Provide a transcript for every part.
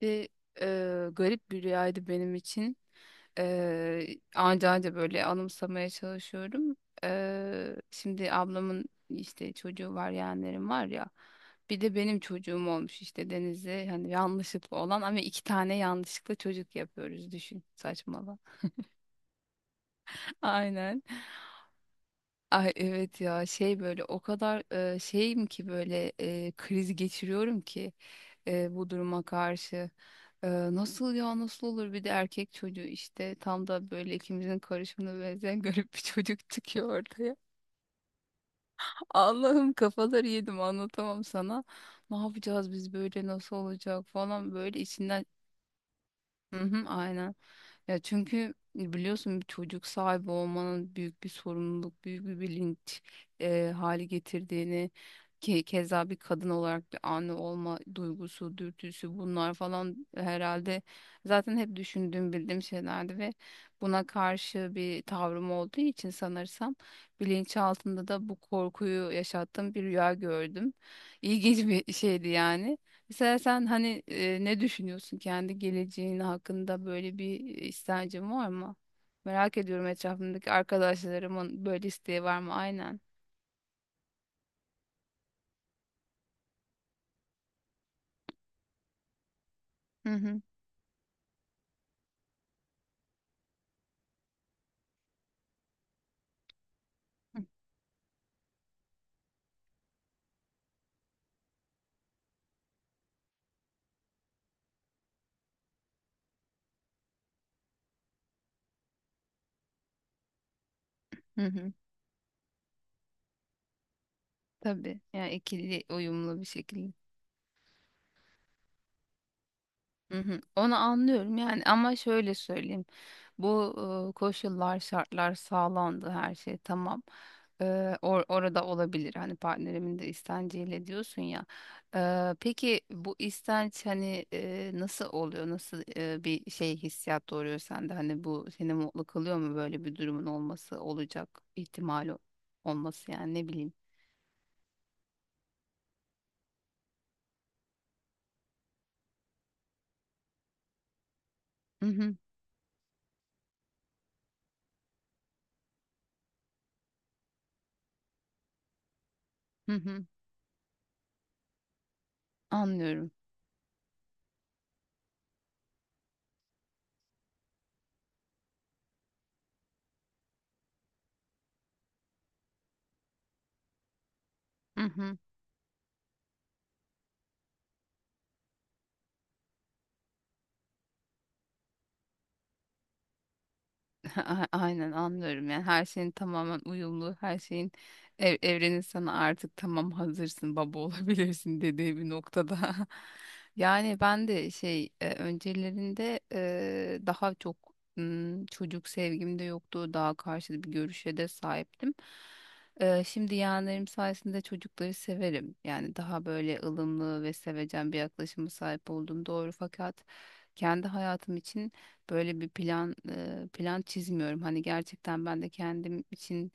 Bir garip bir rüyaydı benim için. E, Anca anca böyle anımsamaya çalışıyorum. Şimdi ablamın işte çocuğu var, yeğenlerim var ya. Bir de benim çocuğum olmuş işte Deniz'e hani yanlışlıkla olan ama iki tane yanlışlıkla çocuk yapıyoruz düşün saçmalama. Aynen. Ay evet ya şey böyle o kadar şeyim ki böyle kriz geçiriyorum ki bu duruma karşı. E, Nasıl ya nasıl olur bir de erkek çocuğu işte tam da böyle ikimizin karışımına benzeyen garip bir çocuk çıkıyor ortaya. Allah'ım kafaları yedim anlatamam sana. Ne yapacağız biz böyle nasıl olacak falan böyle içinden. Hı hı, aynen. Ya çünkü biliyorsun bir çocuk sahibi olmanın büyük bir sorumluluk, büyük bir bilinç hali getirdiğini, ki keza bir kadın olarak bir anne olma duygusu, dürtüsü bunlar falan herhalde zaten hep düşündüğüm, bildiğim şeylerdi ve buna karşı bir tavrım olduğu için sanırsam bilinçaltında da bu korkuyu yaşattığım bir rüya gördüm. İlginç bir şeydi yani. Mesela sen hani ne düşünüyorsun kendi geleceğin hakkında, böyle bir istencin var mı? Merak ediyorum etrafımdaki arkadaşlarımın böyle isteği var mı? Aynen. Hı hı. Hı hı. Tabii. Yani ikili uyumlu bir şekilde. Hı hı, onu anlıyorum yani ama şöyle söyleyeyim. Bu koşullar, şartlar sağlandı her şey tamam. E, orada olabilir hani partnerimin de istenciyle diyorsun ya. E, peki bu istenç hani nasıl oluyor? Nasıl bir şey hissiyat doğuruyor sende? Hani bu seni mutlu kılıyor mu böyle bir durumun olması olacak ihtimali olması, yani ne bileyim. Hı hı, hı hı, anlıyorum. Hı hı. Aynen anlıyorum, yani her şeyin tamamen uyumlu, her şeyin evrenin sana artık tamam hazırsın baba olabilirsin dediği bir noktada. Yani ben de şey, öncelerinde daha çok çocuk sevgim de yoktu, daha karşıt bir görüşe de sahiptim. Şimdi yeğenlerim sayesinde çocukları severim yani, daha böyle ılımlı ve sevecen bir yaklaşıma sahip oldum doğru, fakat kendi hayatım için böyle bir plan, plan çizmiyorum. Hani gerçekten ben de kendim için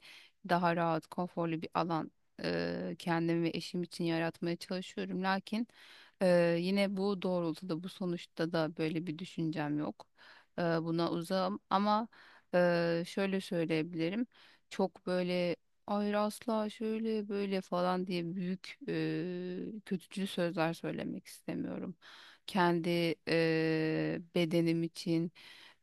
daha rahat, konforlu bir alan kendim ve eşim için yaratmaya çalışıyorum. Lakin yine bu doğrultuda, bu sonuçta da böyle bir düşüncem yok. Buna uzağım ama şöyle söyleyebilirim. Çok böyle hayır asla şöyle böyle falan diye büyük kötücül sözler söylemek istemiyorum. Kendi bedenim için,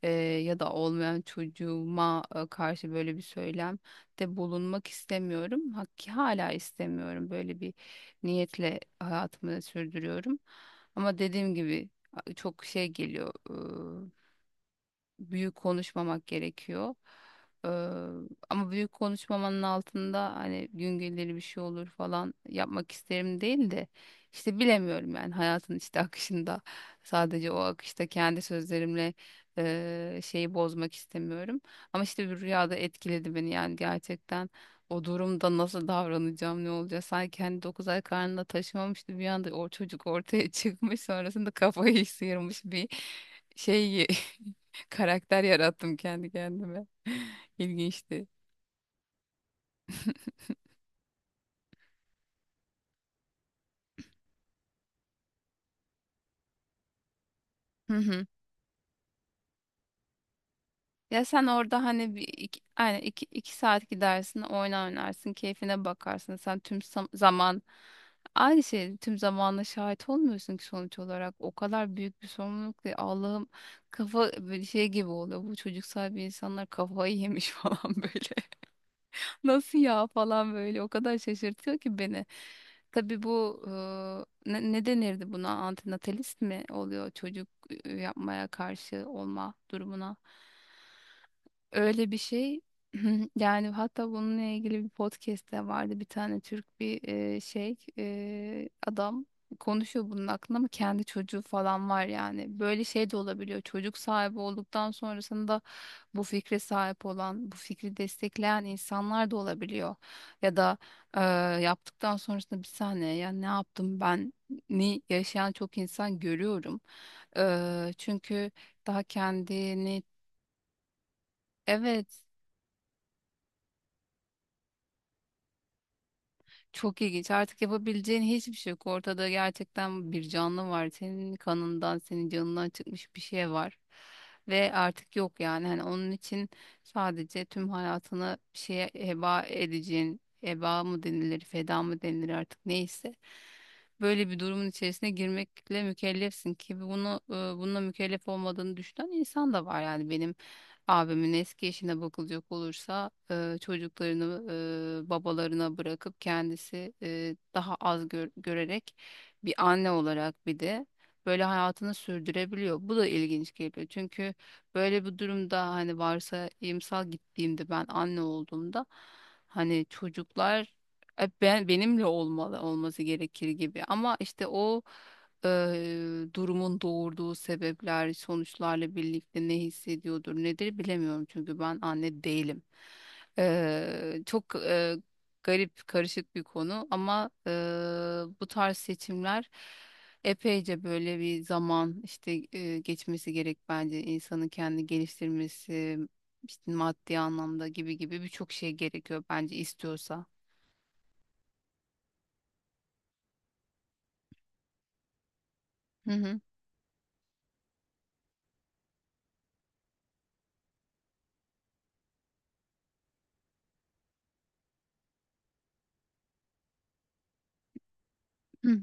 e, ya da olmayan çocuğuma karşı böyle bir söylem de bulunmak istemiyorum. Hakki hala istemiyorum. Böyle bir niyetle hayatımı sürdürüyorum. Ama dediğim gibi, çok şey geliyor, büyük konuşmamak gerekiyor. Ee, Ama büyük konuşmamanın altında hani gün gelir bir şey olur falan yapmak isterim değil de işte bilemiyorum yani, hayatın işte akışında, sadece o akışta kendi sözlerimle şeyi bozmak istemiyorum. Ama işte bir rüyada etkiledi beni yani, gerçekten o durumda nasıl davranacağım, ne olacak, sanki hani 9 ay karnında taşımamıştı, bir anda o çocuk ortaya çıkmış, sonrasında kafayı sıyırmış bir şey karakter yarattım kendi kendime. İlginçti. Hı hı. Ya sen orada hani bir iki, aynen iki, iki saat gidersin, oyna, oynarsın, keyfine bakarsın. Sen tüm zaman aynı şey, tüm zamanla şahit olmuyorsun ki sonuç olarak. O kadar büyük bir sorumluluk ki Allah'ım, kafa böyle şey gibi oluyor. Bu çocuk sahibi insanlar kafayı yemiş falan böyle. Nasıl ya falan böyle, o kadar şaşırtıyor ki beni. Tabii bu ne denirdi buna? Antinatalist mi oluyor çocuk yapmaya karşı olma durumuna? Öyle bir şey yani, hatta bununla ilgili bir podcast de vardı, bir tane Türk bir adam konuşuyor bunun hakkında, ama kendi çocuğu falan var yani, böyle şey de olabiliyor, çocuk sahibi olduktan sonrasında bu fikre sahip olan, bu fikri destekleyen insanlar da olabiliyor, ya da e, yaptıktan sonrasında bir saniye ya ne yaptım ben, ni yaşayan çok insan görüyorum. Çünkü daha kendini evet çok ilginç. Artık yapabileceğin hiçbir şey yok. Ortada gerçekten bir canlı var. Senin kanından, senin canından çıkmış bir şey var. Ve artık yok yani. Hani onun için sadece tüm hayatını bir şeye heba edeceğin, heba mı denilir, feda mı denilir, artık neyse. Böyle bir durumun içerisine girmekle mükellefsin ki, bunu bununla mükellef olmadığını düşünen insan da var, yani benim abimin eski eşine bakılacak olursa çocuklarını babalarına bırakıp kendisi daha az görerek bir anne olarak bir de böyle hayatını sürdürebiliyor. Bu da ilginç geliyor. Çünkü böyle bir durumda hani varsa imsal gittiğimde ben anne olduğumda hani çocuklar hep benimle olmalı, olması gerekir gibi. Ama işte o, durumun doğurduğu sebepler, sonuçlarla birlikte ne hissediyordur, nedir bilemiyorum çünkü ben anne değilim. Çok garip, karışık bir konu ama bu tarz seçimler epeyce böyle bir zaman işte, geçmesi gerek bence, insanın kendi geliştirmesi, işte maddi anlamda gibi gibi birçok şey gerekiyor bence, istiyorsa. Hı hı.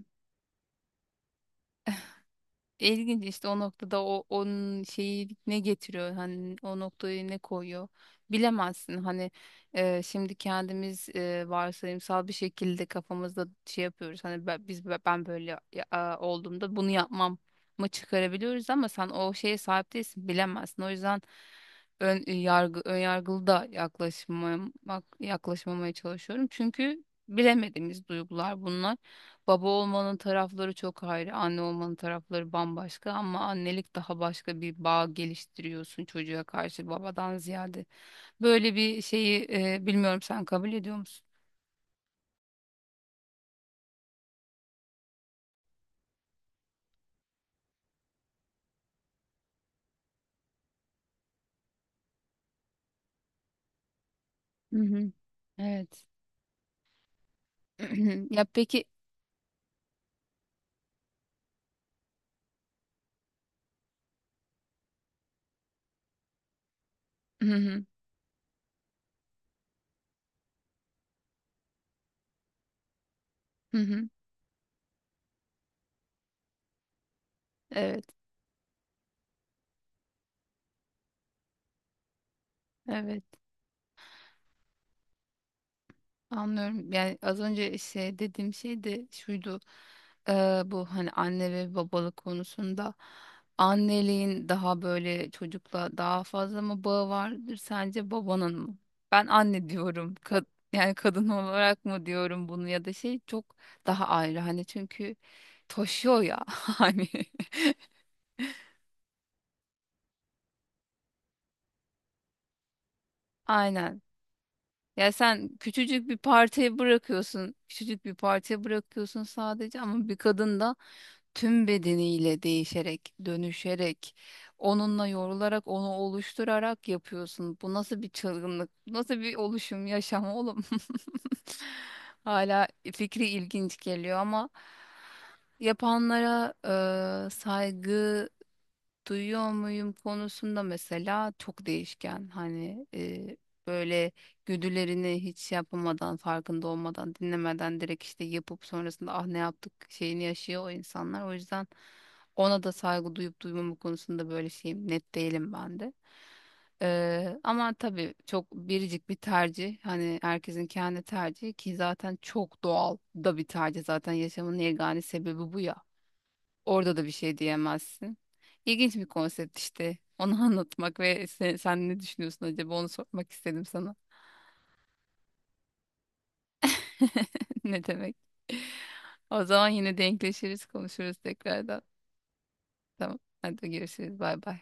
İlginç, işte o noktada o onun şeyi ne getiriyor, hani o noktayı ne koyuyor bilemezsin hani, şimdi kendimiz varsayımsal bir şekilde kafamızda şey yapıyoruz hani ben, ben böyle olduğumda bunu yapmam mı çıkarabiliyoruz, ama sen o şeye sahip değilsin bilemezsin, o yüzden ön yargılı da yaklaşmamaya çalışıyorum çünkü bilemediğimiz duygular bunlar. Baba olmanın tarafları çok ayrı, anne olmanın tarafları bambaşka, ama annelik daha başka bir bağ geliştiriyorsun çocuğa karşı babadan ziyade. Böyle bir şeyi bilmiyorum, sen kabul ediyor musun? Hı hı. Evet. Ya peki. Hı hı. Hı hı. Evet. Evet. Anlıyorum. Yani az önce şey dediğim şey de şuydu. Bu hani anne ve babalık konusunda, anneliğin daha böyle çocukla daha fazla mı bağı vardır sence, babanın mı? Ben anne diyorum. Yani kadın olarak mı diyorum bunu, ya da şey çok daha ayrı. Hani çünkü taşıyor ya hani. Aynen. Ya sen küçücük bir partiye bırakıyorsun, küçücük bir partiye bırakıyorsun sadece, ama bir kadın da tüm bedeniyle değişerek, dönüşerek, onunla yorularak, onu oluşturarak yapıyorsun. Bu nasıl bir çılgınlık, bu nasıl bir oluşum, yaşam oğlum? Hala fikri ilginç geliyor, ama yapanlara saygı duyuyor muyum konusunda mesela çok değişken. Hani böyle güdülerini hiç şey yapamadan, farkında olmadan, dinlemeden direkt işte yapıp sonrasında ah ne yaptık şeyini yaşıyor o insanlar. O yüzden ona da saygı duyup duymama konusunda böyle şeyim, net değilim ben de. Ama tabii çok biricik bir tercih. Hani herkesin kendi tercihi ki zaten çok doğal da bir tercih. Zaten yaşamın yegane sebebi bu ya. Orada da bir şey diyemezsin. İlginç bir konsept işte. Onu anlatmak ve sen ne düşünüyorsun acaba, onu sormak istedim sana. Ne demek? O zaman yine denkleşiriz, konuşuruz tekrardan. Tamam. Hadi görüşürüz. Bay bay.